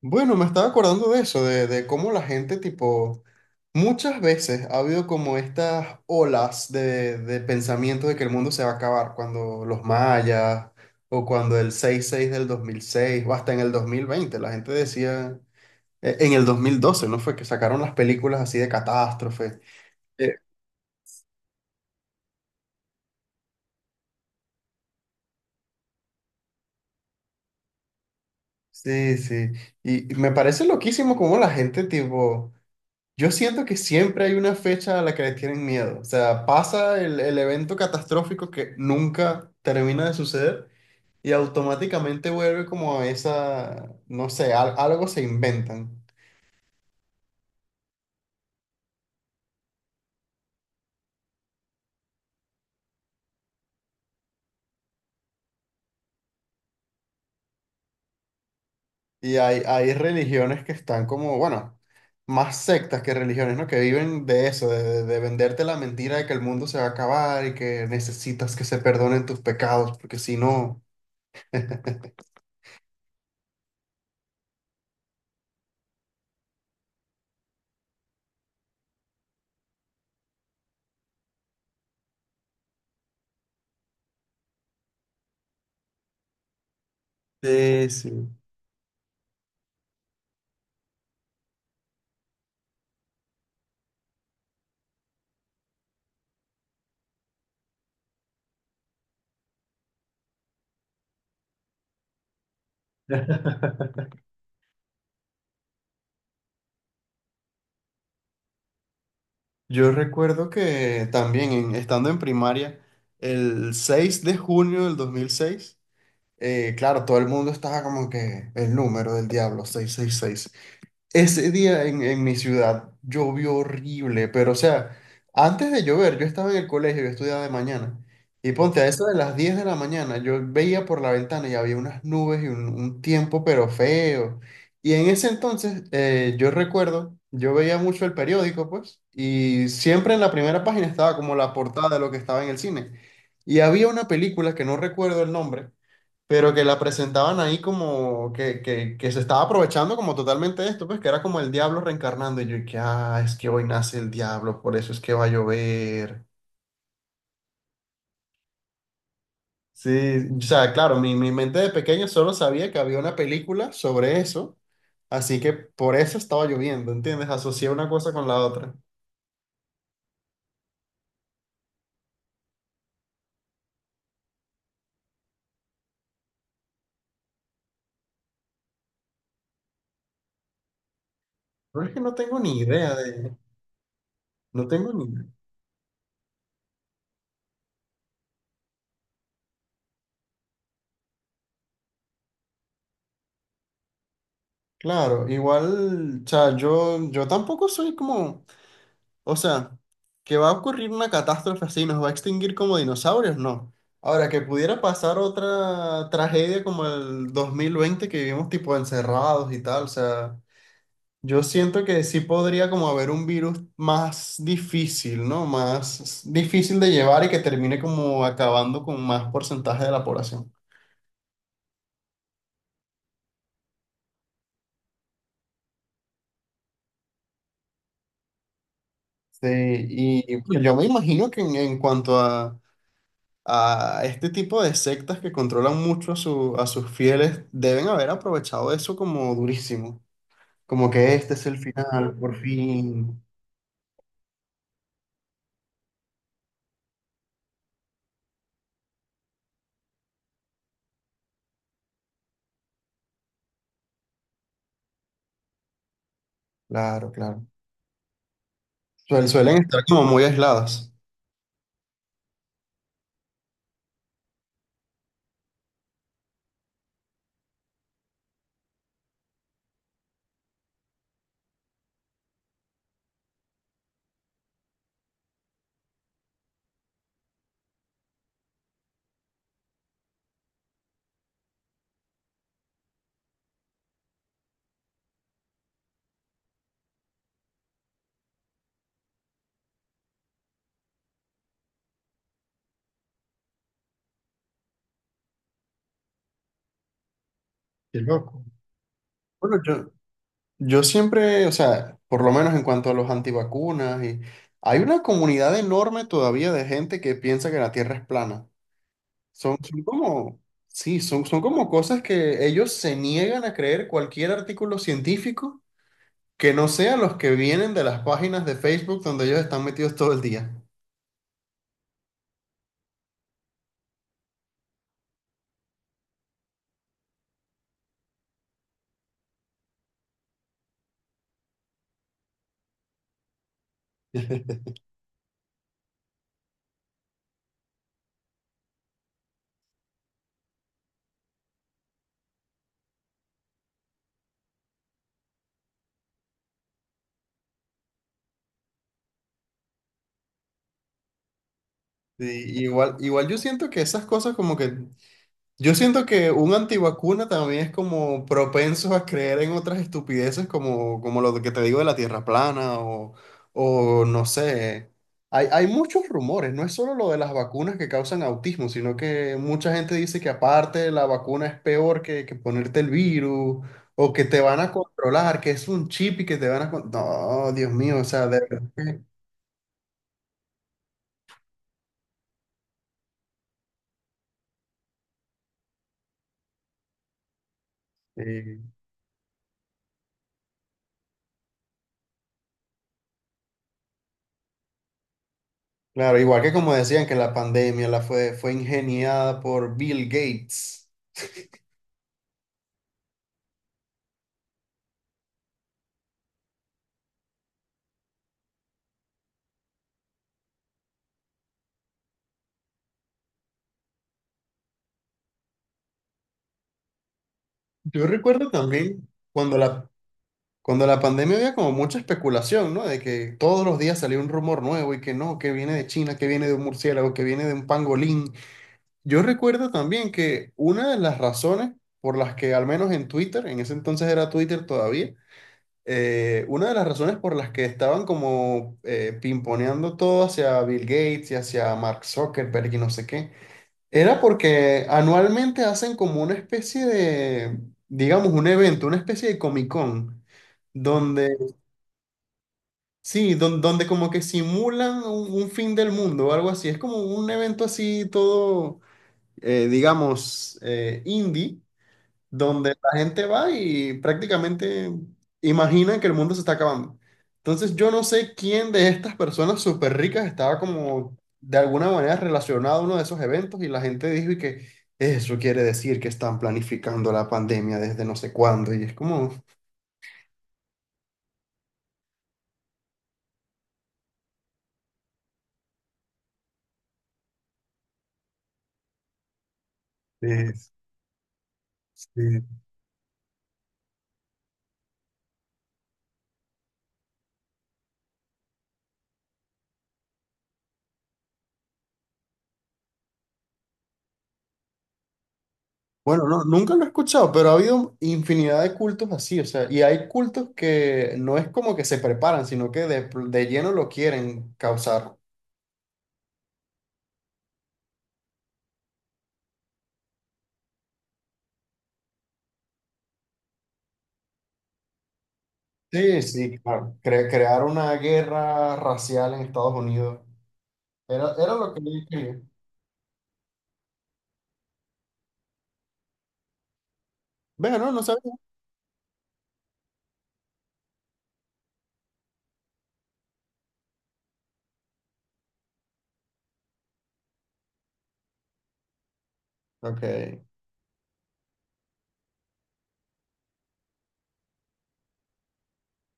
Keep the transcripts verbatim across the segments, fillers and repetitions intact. Bueno, me estaba acordando de eso, de, de cómo la gente, tipo, muchas veces ha habido como estas olas de, de pensamiento de que el mundo se va a acabar, cuando los mayas, o cuando el seis seis del dos mil seis, o hasta en el dos mil veinte, la gente decía, eh, en el dos mil doce, ¿no? Fue que sacaron las películas así de catástrofe. Eh, Sí, sí, y y me parece loquísimo cómo la gente, tipo... Yo siento que siempre hay una fecha a la que le tienen miedo. O sea, pasa el, el evento catastrófico que nunca termina de suceder y automáticamente vuelve como a esa, no sé, al- algo se inventan. Y hay, hay religiones que están como, bueno, más sectas que religiones, ¿no? Que viven de eso, de, de- de venderte la mentira de que el mundo se va a acabar y que necesitas que se perdonen tus pecados, porque si no... Sí, sí. Yo recuerdo que también en- estando en primaria, el seis de junio del dos mil seis, eh, claro, todo el mundo estaba como que el número del diablo, seiscientos sesenta y seis. Ese día en, en mi ciudad llovió horrible, pero o sea, antes de llover, yo estaba en el colegio, yo estudiaba de mañana, y ponte a eso de las diez de la mañana, yo veía por la ventana y había unas nubes y un, un tiempo pero feo. Y en ese entonces, eh, yo recuerdo, yo veía mucho el periódico, pues, y siempre en la primera página estaba como la portada de lo que estaba en el cine. Y había una película que no recuerdo el nombre, pero que la presentaban ahí como que, que, que se estaba aprovechando como totalmente de esto, pues que era como el diablo reencarnando y yo, y que, ah, es que hoy nace el diablo, por eso es que va a llover. Sí, o sea, claro, mi, mi mente de pequeño solo sabía que había una película sobre eso, así que por eso estaba lloviendo, ¿entiendes? Asocié una cosa con la otra. Pero es que no tengo ni idea de, no tengo ni. Claro, igual, o sea, yo, yo tampoco soy como. O sea, que va a ocurrir una catástrofe así, nos va a extinguir como dinosaurios, no. Ahora, que pudiera pasar otra tragedia como el dos mil veinte que vivimos tipo encerrados y tal, o sea, yo siento que sí podría como haber un virus más difícil, ¿no? Más difícil de llevar y que termine como acabando con más porcentaje de la población. Sí, y uy, yo me imagino que en, en cuanto a a este tipo de sectas que controlan mucho a, su- a sus fieles, deben haber aprovechado eso como durísimo, como que este es el final, por fin. Claro, claro. Suel- suelen estar como muy aisladas. Qué loco. Bueno, yo, yo siempre, o sea, por lo menos en cuanto a los antivacunas, y, hay una comunidad enorme todavía de gente que piensa que la Tierra es plana. Son, son como, sí, son, son como cosas que ellos se niegan a creer cualquier artículo científico que no sean los que vienen de las páginas de Facebook donde ellos están metidos todo el día. Sí, igual, igual yo siento que esas cosas como que. Yo siento que un antivacuna también es como propenso a creer en otras estupideces como, como lo que te digo de la tierra plana o, o no sé. Hay, hay muchos rumores, no es solo lo de las vacunas que causan autismo, sino que mucha gente dice que aparte la vacuna es peor que, que ponerte el virus o que te van a controlar, que es un chip y que te van a... con- No, Dios mío, o sea, de verdad que... Sí. Claro, igual que como decían que la pandemia la fue, fue ingeniada por Bill Gates. Yo recuerdo también cuando la, cuando la pandemia había como mucha especulación, ¿no? De que todos los días salía un rumor nuevo y que no, que viene de China, que viene de un murciélago, que viene de un pangolín. Yo recuerdo también que una de las razones por las que, al menos en Twitter, en ese entonces era Twitter todavía, eh, una de las razones por las que estaban como eh, pimponeando todo hacia Bill Gates y hacia Mark Zuckerberg y no sé qué era porque anualmente hacen como una especie de, digamos, un evento, una especie de Comic Con, donde, sí, don- donde, como que simulan un, un fin del mundo o algo así. Es como un evento así todo, eh, digamos, eh, indie, donde la gente va y prácticamente imagina que el mundo se está acabando. Entonces yo no sé quién de estas personas súper ricas estaba como de alguna manera relacionado a uno de esos eventos y la gente dijo y que eso quiere decir que están planificando la pandemia desde no sé cuándo y es como... es- sí. Bueno, no, nunca lo he escuchado, pero ha habido infinidad de cultos así, o sea, y hay cultos que no es como que se preparan, sino que de, de lleno lo quieren causar. Sí, sí, claro. Cre- crear una guerra racial en Estados Unidos. Era, era lo que yo quería. Vea, no, no sabía. Ok.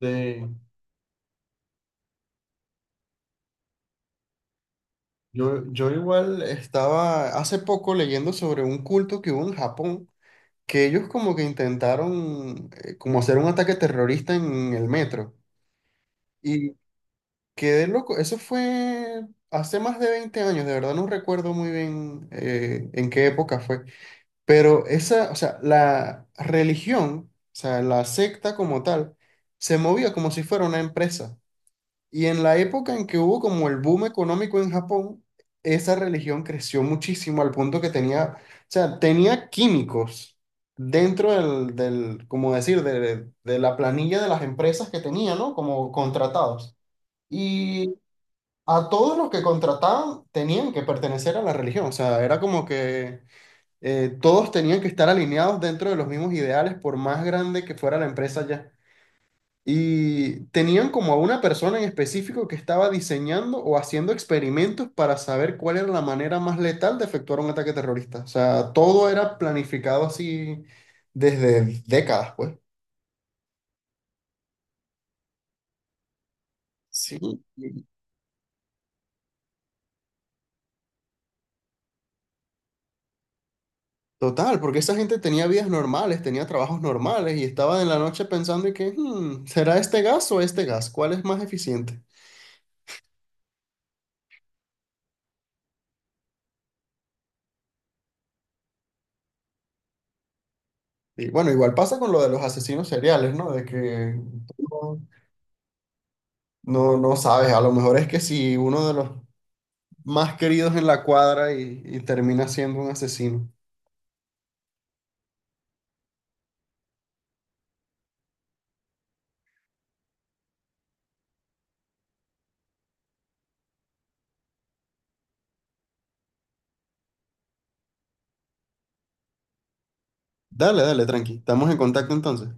Sí. Yo, yo igual estaba hace poco leyendo sobre un culto que hubo en Japón, que ellos como que intentaron eh, como hacer un ataque terrorista en el metro. Y quedé loco. Eso fue hace más de veinte años, de verdad no recuerdo muy bien eh, en qué época fue. Pero esa, o sea, la religión, o sea, la secta como tal, se movía como si fuera una empresa. Y en la época en que hubo como el boom económico en Japón, esa religión creció muchísimo al punto que tenía, o sea, tenía químicos dentro del, del, como decir, de, de la planilla de las empresas que tenía, ¿no? Como contratados. Y a todos los que contrataban tenían que pertenecer a la religión, o sea, era como que eh, todos tenían que estar alineados dentro de los mismos ideales, por más grande que fuera la empresa ya. Y tenían como a una persona en específico que estaba diseñando o haciendo experimentos para saber cuál era la manera más letal de efectuar un ataque terrorista. O sea, todo era planificado así desde décadas, pues. Sí. Total, porque esa gente tenía vidas normales, tenía trabajos normales y estaba en la noche pensando y que, "Hmm, ¿será este gas o este gas? ¿Cuál es más eficiente?". Y bueno, igual pasa con lo de los asesinos seriales, ¿no? De que tú no, no, no sabes, a lo mejor es que si uno de los más queridos en la cuadra y, y termina siendo un asesino. Dale, dale, tranqui. Estamos en contacto entonces.